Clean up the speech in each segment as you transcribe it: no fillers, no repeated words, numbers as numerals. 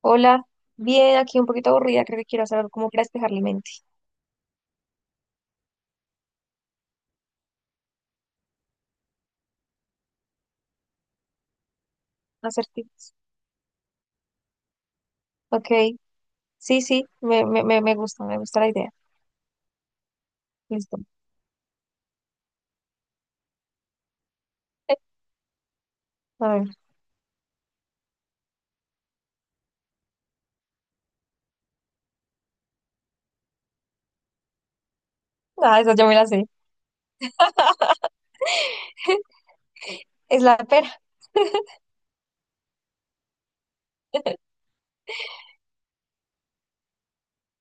Hola, bien, aquí un poquito aburrida, creo que quiero hacer algo como para despejar la mente. Acertijos. Ok, sí, sí, me gusta, me gusta la idea. Listo. Eh, A ver, ah, esa yo me la sé. Es la pera.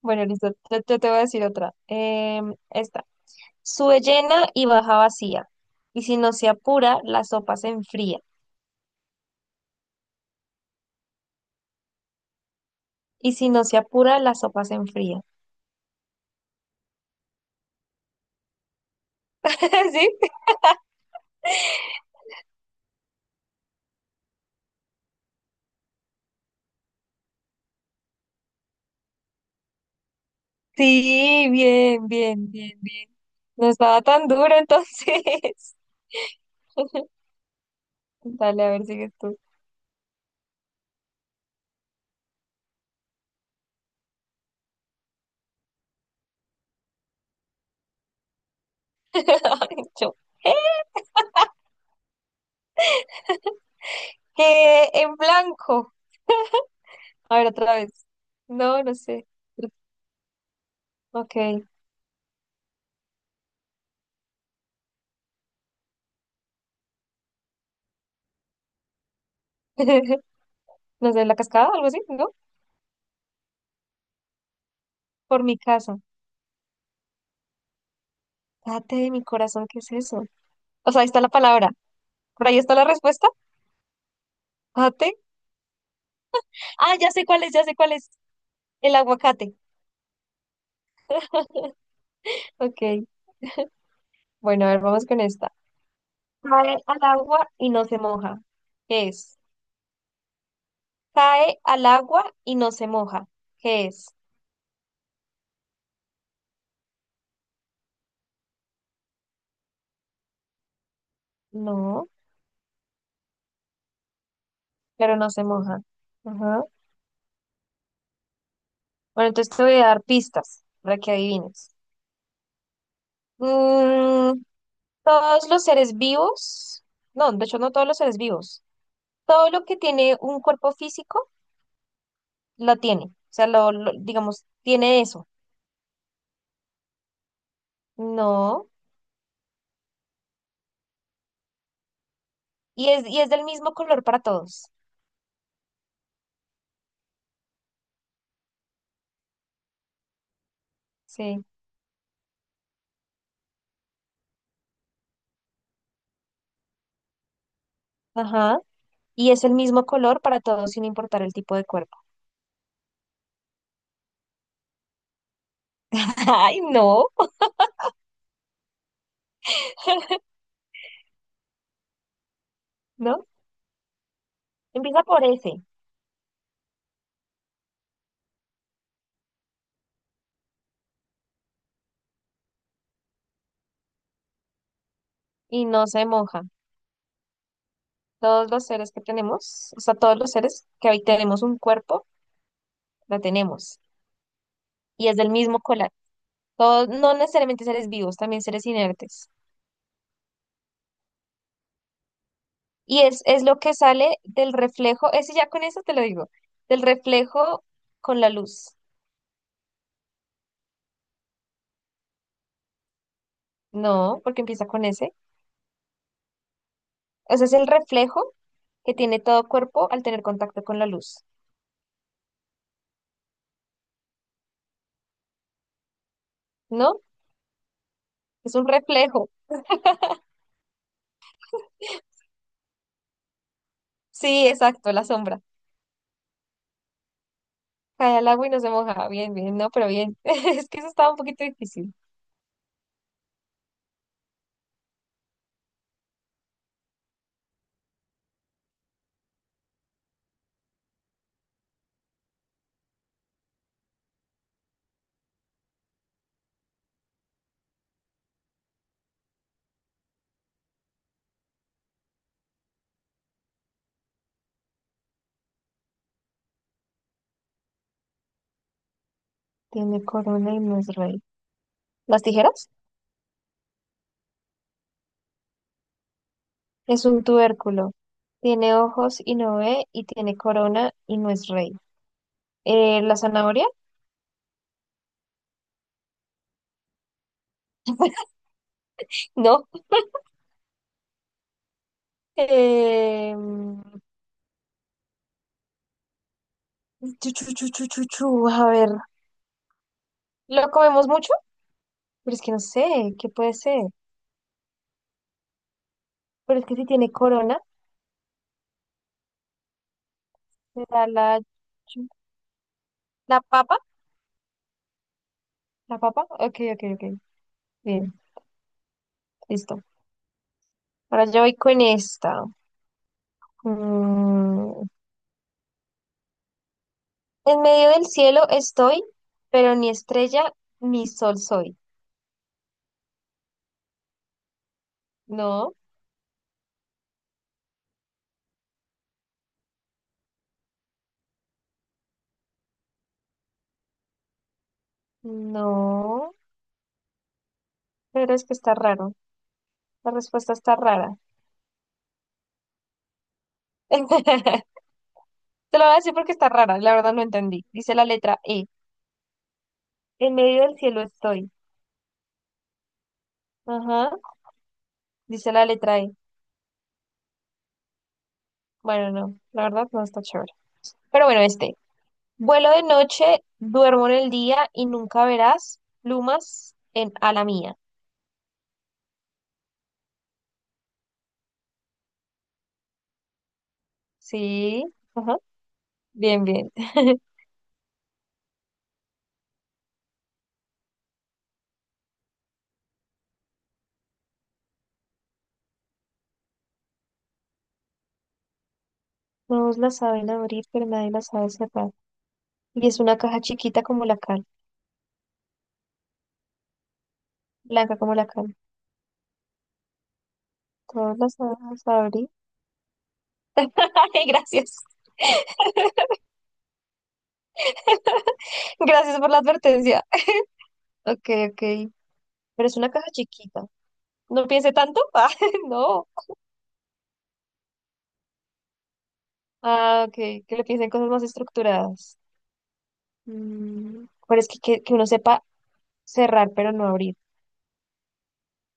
Bueno, listo, yo te voy a decir otra. Esta. Sube llena y baja vacía. Y si no se apura, la sopa se enfría. Y si no se apura, la sopa se enfría. ¿Sí? Sí, bien, bien, bien, bien. No estaba tan duro entonces. Dale, a ver, sigues tú. Ay, yo, ¿eh? En blanco. A ver, otra vez. No, no sé. Ok. No sé, la cascada o algo así, ¿no? Por mi casa. Date de mi corazón, ¿qué es eso? O sea, ahí está la palabra. Por ahí está la respuesta. Date. Ah, ya sé cuál es, ya sé cuál es. El aguacate. Ok. Bueno, a ver, vamos con esta. Cae al agua y no se moja. ¿Qué es? Cae al agua y no se moja. ¿Qué es? No, pero no se moja. Ajá. Bueno, entonces te voy a dar pistas para que adivines. Mm, todos los seres vivos, no, de hecho no todos los seres vivos, todo lo que tiene un cuerpo físico lo tiene, o sea, digamos, tiene eso, no, y es del mismo color para todos, sí, ajá, y es el mismo color para todos sin importar el tipo de cuerpo. Ay, no, no, empieza por ese y no se moja. Todos los seres que tenemos, o sea, todos los seres que hoy tenemos un cuerpo, lo tenemos. Y es del mismo colar. Todos, no necesariamente seres vivos, también seres inertes. Es lo que sale del reflejo, ese ya con eso te lo digo, del reflejo con la luz. No, porque empieza con ese. O sea, es el reflejo que tiene todo cuerpo al tener contacto con la luz, ¿no? Es un reflejo. Sí, exacto, la sombra. Cae al agua y no se moja. Bien, bien, no, pero bien. Es que eso estaba un poquito difícil. Tiene corona y no es rey. ¿Las tijeras? Es un tubérculo. Tiene ojos y no ve, y tiene corona y no es rey. ¿La zanahoria? No. Eh, chu, chu, chu, chu, chu, chu, a ver, ¿lo comemos mucho? Pero es que no sé, ¿qué puede ser? Pero es que si tiene corona, será chu- la papa. ¿La papa? Ok, ok, ok. Bien, listo. Ahora yo voy con esta. Mm, En medio del cielo estoy, pero ni estrella ni sol soy. No, no. Pero es que está raro. La respuesta está rara. Te lo voy a decir porque está rara. La verdad no entendí. Dice la letra E. En medio del cielo estoy. Ajá. Dice la letra E. Bueno, no. La verdad no está chévere. Pero bueno, este. Vuelo de noche, duermo en el día y nunca verás plumas en ala mía. Sí. Ajá. Bien, bien. Todos la saben abrir, pero nadie la sabe cerrar. Y es una caja chiquita como la cal, blanca como la cal. Todos la saben abrir. Ay, gracias. Gracias por la advertencia. Ok, ok. Pero es una caja chiquita. No piense tanto. Ah, no. Ah, ok. Que le piensen cosas más estructuradas. Pero es que, que uno sepa cerrar pero no abrir.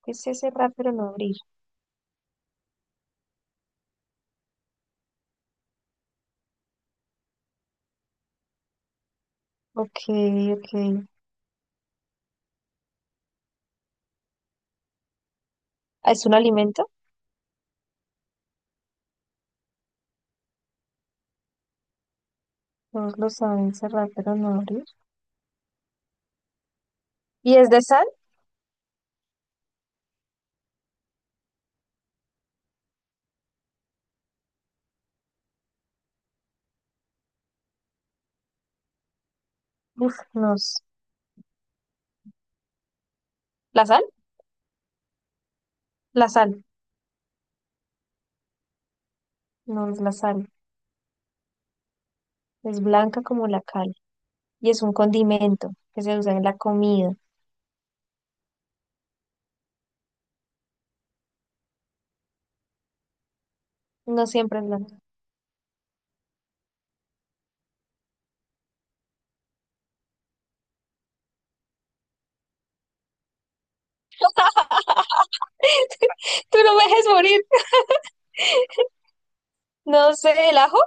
Que sé cerrar pero no abrir. Ok, ok. Ah, ¿es un alimento? Todos lo saben cerrar pero no abrir. ¿Y es de sal? Uf, no. ¿La sal? La sal. No es la sal. Es blanca como la cal. Y es un condimento que se usa en la comida. No siempre es blanca. Tú no me dejes morir. No sé, ¿el ajo?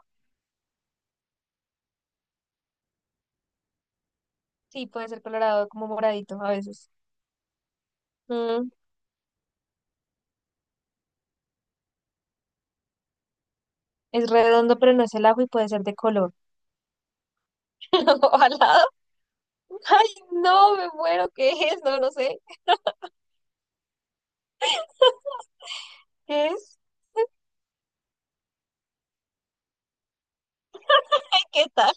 Sí, puede ser colorado, como moradito a veces. Mm, es redondo, pero no es el ajo y puede ser de color. ¿O alado? Ay, no, me muero. ¿Qué es? No, no sé. ¿Qué es? ¿Qué tal?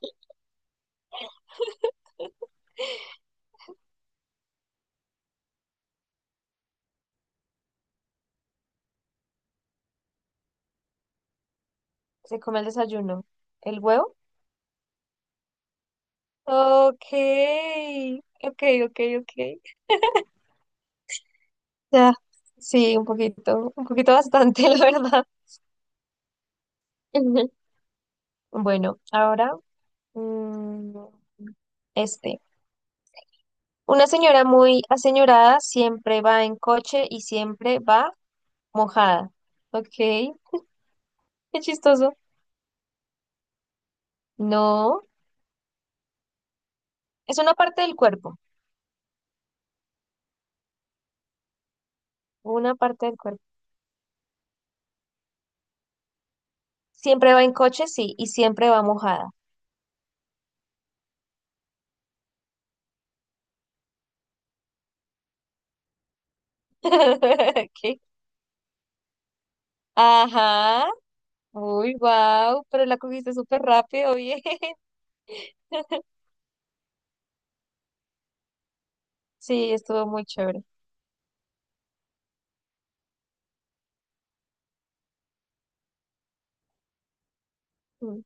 Se come el desayuno. ¿El huevo? Ok, ok, ok, ok. Ya, sí, un poquito bastante, la verdad. Ujú. Bueno, ahora, mm, este. Una señora muy aseñorada siempre va en coche y siempre va. Mojada. Ok, qué chistoso. No, es una parte del cuerpo, una parte del cuerpo. Siempre va en coche, sí, y siempre va mojada. ¿Qué? Ajá. Uy, wow, pero la cogiste súper rápido, bien. Sí, estuvo muy chévere. Mm,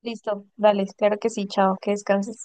Listo, dale, claro que sí, chao, que descanses.